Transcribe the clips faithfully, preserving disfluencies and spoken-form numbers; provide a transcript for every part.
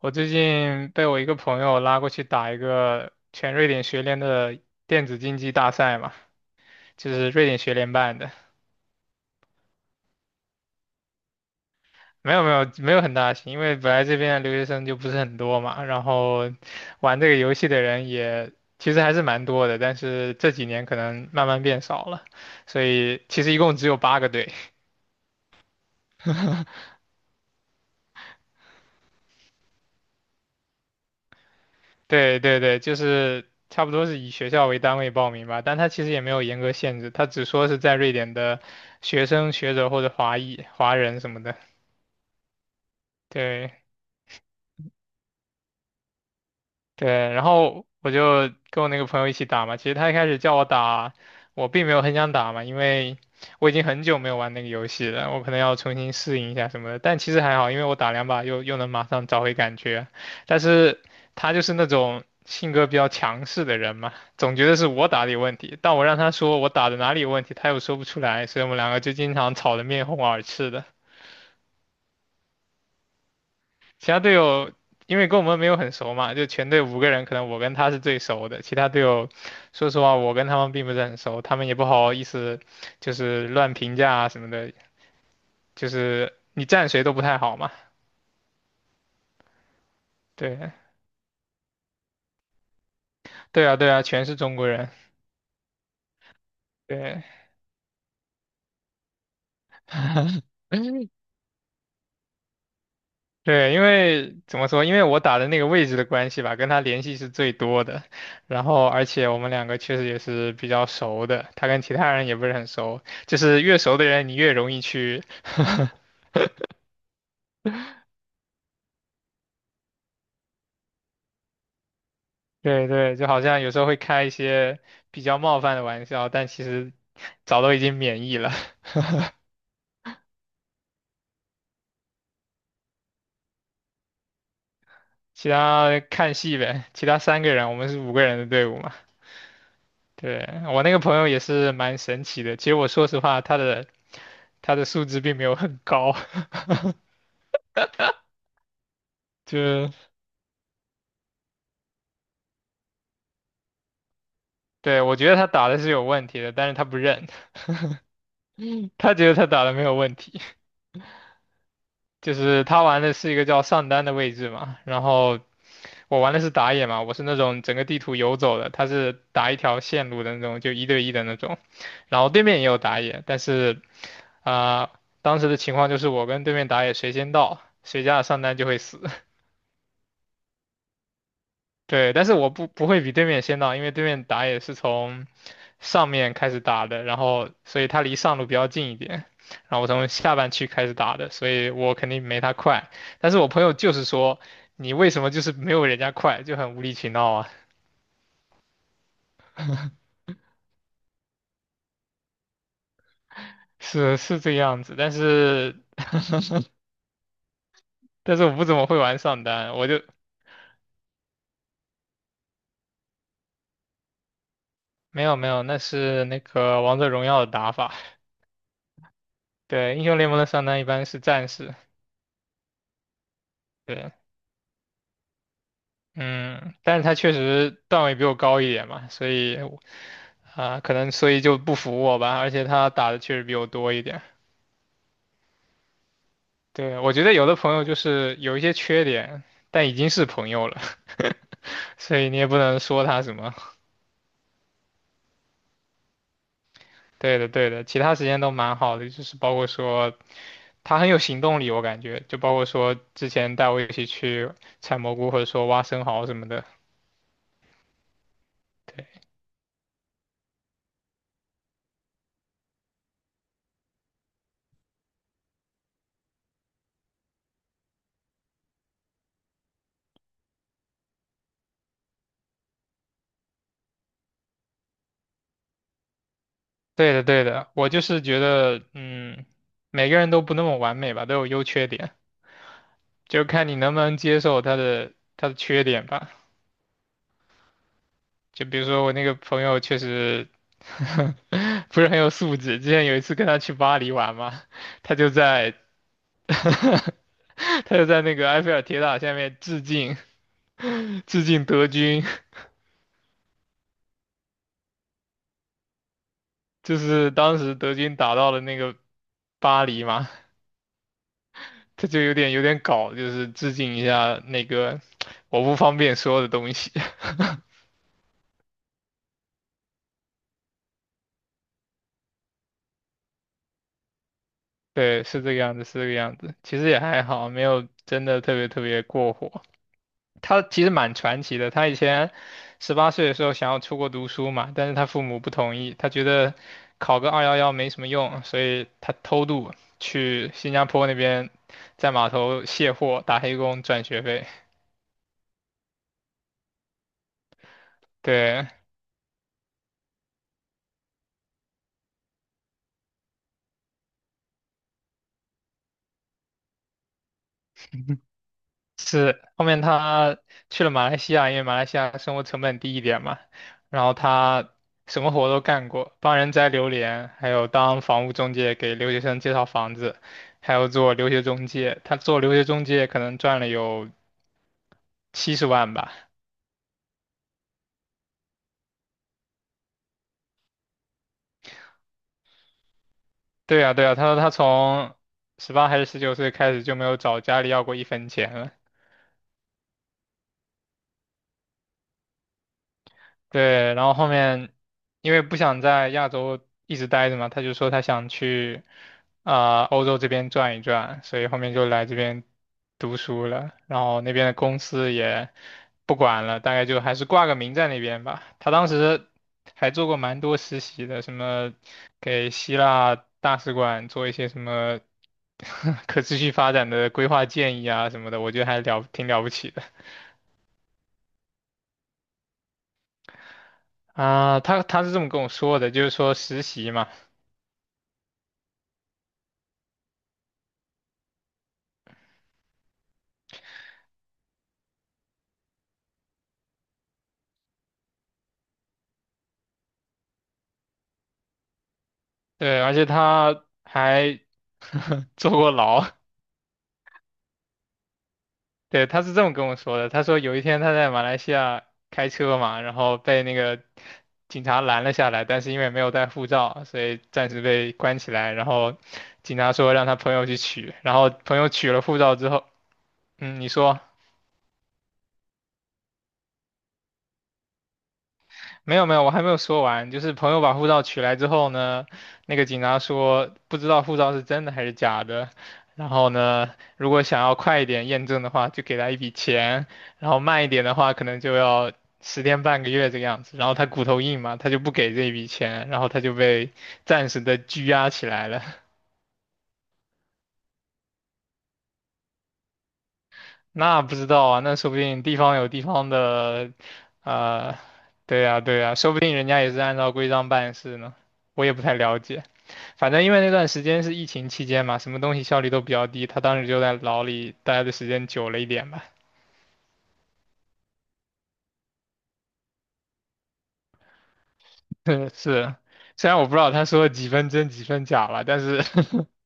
我最近被我一个朋友拉过去打一个全瑞典学联的电子竞技大赛嘛，就是瑞典学联办的。没有没有没有很大型，因为本来这边的留学生就不是很多嘛，然后玩这个游戏的人也其实还是蛮多的，但是这几年可能慢慢变少了，所以其实一共只有八个队。对对对，就是差不多是以学校为单位报名吧，但他其实也没有严格限制，他只说是在瑞典的学生、学者或者华裔、华人什么的。对，对，然后我就跟我那个朋友一起打嘛。其实他一开始叫我打，我并没有很想打嘛，因为我已经很久没有玩那个游戏了，我可能要重新适应一下什么的。但其实还好，因为我打两把又又能马上找回感觉。但是他就是那种性格比较强势的人嘛，总觉得是我打的有问题，但我让他说我打的哪里有问题，他又说不出来，所以我们两个就经常吵得面红耳赤的。其他队友因为跟我们没有很熟嘛，就全队五个人，可能我跟他是最熟的。其他队友，说实话，我跟他们并不是很熟，他们也不好意思就是乱评价啊什么的，就是你站谁都不太好嘛。对，对啊，对啊，全是中国人。对，对，因为怎么说，因为我打的那个位置的关系吧，跟他联系是最多的。然后，而且我们两个确实也是比较熟的，他跟其他人也不是很熟，就是越熟的人，你越容易去 对对，就好像有时候会开一些比较冒犯的玩笑，但其实早都已经免疫了。其他看戏呗，其他三个人，我们是五个人的队伍嘛。对，我那个朋友也是蛮神奇的。其实我说实话，他的他的素质并没有很高，就是对，我觉得他打的是有问题的，但是他不认，他觉得他打的没有问题。就是他玩的是一个叫上单的位置嘛，然后我玩的是打野嘛，我是那种整个地图游走的，他是打一条线路的那种，就一对一的那种，然后对面也有打野，但是啊、呃当时的情况就是我跟对面打野谁先到，谁家的上单就会死。对，但是我不不会比对面先到，因为对面打野是从上面开始打的，然后所以他离上路比较近一点，然后我从下半区开始打的，所以我肯定没他快。但是我朋友就是说，你为什么就是没有人家快，就很无理取闹啊，是是这个样子。但是但是我不怎么会玩上单，我就没有没有，那是那个王者荣耀的打法，对，英雄联盟的上单一般是战士。对。嗯，但是他确实段位比我高一点嘛，所以啊，可能所以就不服我吧，而且他打的确实比我多一点。对，我觉得有的朋友就是有一些缺点，但已经是朋友了，所以你也不能说他什么。对的，对的，其他时间都蛮好的，就是包括说他很有行动力，我感觉，就包括说之前带我一起去采蘑菇或者说挖生蚝什么的。对，对的，对的，我就是觉得，嗯，每个人都不那么完美吧，都有优缺点，就看你能不能接受他的他的缺点吧。就比如说我那个朋友确实 不是很有素质，之前有一次跟他去巴黎玩嘛，他就在 他就在那个埃菲尔铁塔下面致敬致敬德军，就是当时德军打到了那个巴黎嘛，他就有点有点搞，就是致敬一下那个我不方便说的东西。对，是这个样子，是这个样子。其实也还好，没有真的特别特别过火。他其实蛮传奇的。他以前十八岁的时候想要出国读书嘛，但是他父母不同意，他觉得考个二幺幺没什么用，所以他偷渡去新加坡那边，在码头卸货打黑工赚学费。对，是，后面他去了马来西亚，因为马来西亚生活成本低一点嘛，然后他什么活都干过，帮人摘榴莲，还有当房屋中介给留学生介绍房子，还有做留学中介。他做留学中介可能赚了有七十万吧。对呀，对呀，他说他从十八还是十九岁开始就没有找家里要过一分钱了。对，然后后面因为不想在亚洲一直待着嘛，他就说他想去啊、欧洲这边转一转，所以后面就来这边读书了。然后那边的公司也不管了，大概就还是挂个名在那边吧。他当时还做过蛮多实习的，什么给希腊大使馆做一些什么 可持续发展的规划建议啊什么的，我觉得还了挺了不起的。啊，他他是这么跟我说的，就是说实习嘛，对，而且他还 坐过牢。对，他是这么跟我说的。他说有一天他在马来西亚开车嘛，然后被那个警察拦了下来，但是因为没有带护照，所以暂时被关起来。然后警察说让他朋友去取，然后朋友取了护照之后，嗯，你说。没有没有，我还没有说完。就是朋友把护照取来之后呢，那个警察说不知道护照是真的还是假的。然后呢，如果想要快一点验证的话，就给他一笔钱；然后慢一点的话，可能就要十天半个月这个样子。然后他骨头硬嘛，他就不给这一笔钱，然后他就被暂时的拘押起来了。那不知道啊，那说不定地方有地方的，呃，对呀对呀，说不定人家也是按照规章办事呢，我也不太了解。反正因为那段时间是疫情期间嘛，什么东西效率都比较低，他当时就在牢里待的时间久了一点吧。是，虽然我不知道他说了几分真几分假了，但是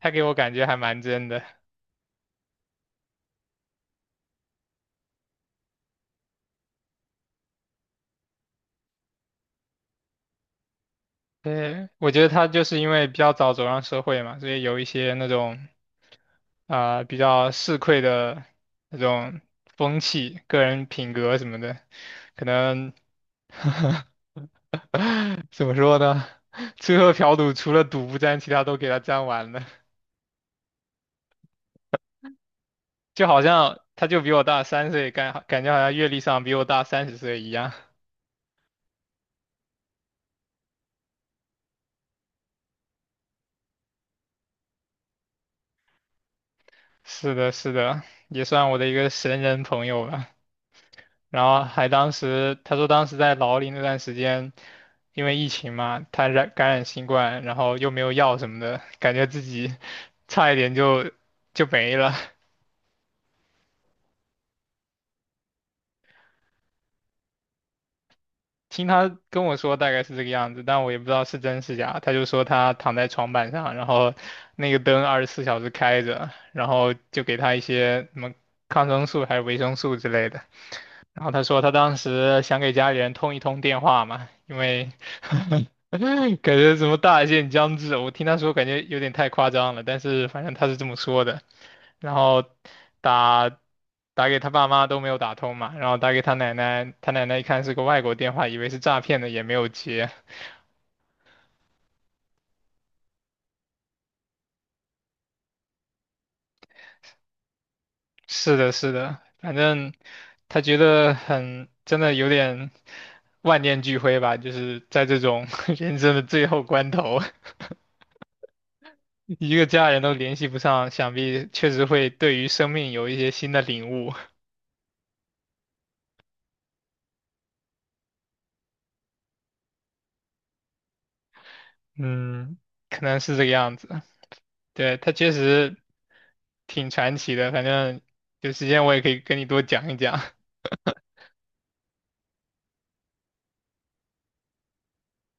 他给我感觉还蛮真的。对，我觉得他就是因为比较早走上社会嘛，所以有一些那种啊、呃比较市侩的那种风气、个人品格什么的，可能 怎么说呢？吃喝嫖赌除了赌不沾，其他都给他沾完了。就好像他就比我大三岁，感感觉好像阅历上比我大三十岁一样。是的，是的，也算我的一个神人朋友吧。然后还当时他说当时在牢里那段时间，因为疫情嘛，他染感染新冠，然后又没有药什么的，感觉自己 差一点就就没了。听他跟我说大概是这个样子，但我也不知道是真是假。他就说他躺在床板上，然后那个灯二十四小时开着，然后就给他一些什么抗生素还是维生素之类的。然后他说他当时想给家里人通一通电话嘛，因为 感觉什么大限将至，我听他说感觉有点太夸张了，但是反正他是这么说的。然后打打给他爸妈都没有打通嘛，然后打给他奶奶，他奶奶一看是个外国电话，以为是诈骗的，也没有接。是的，是的，反正他觉得很，真的有点万念俱灰吧，就是在这种 人生的最后关头。一个家人都联系不上，想必确实会对于生命有一些新的领悟。嗯，可能是这个样子。对，他确实挺传奇的，反正有时间我也可以跟你多讲一讲。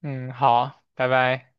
嗯，好，拜拜。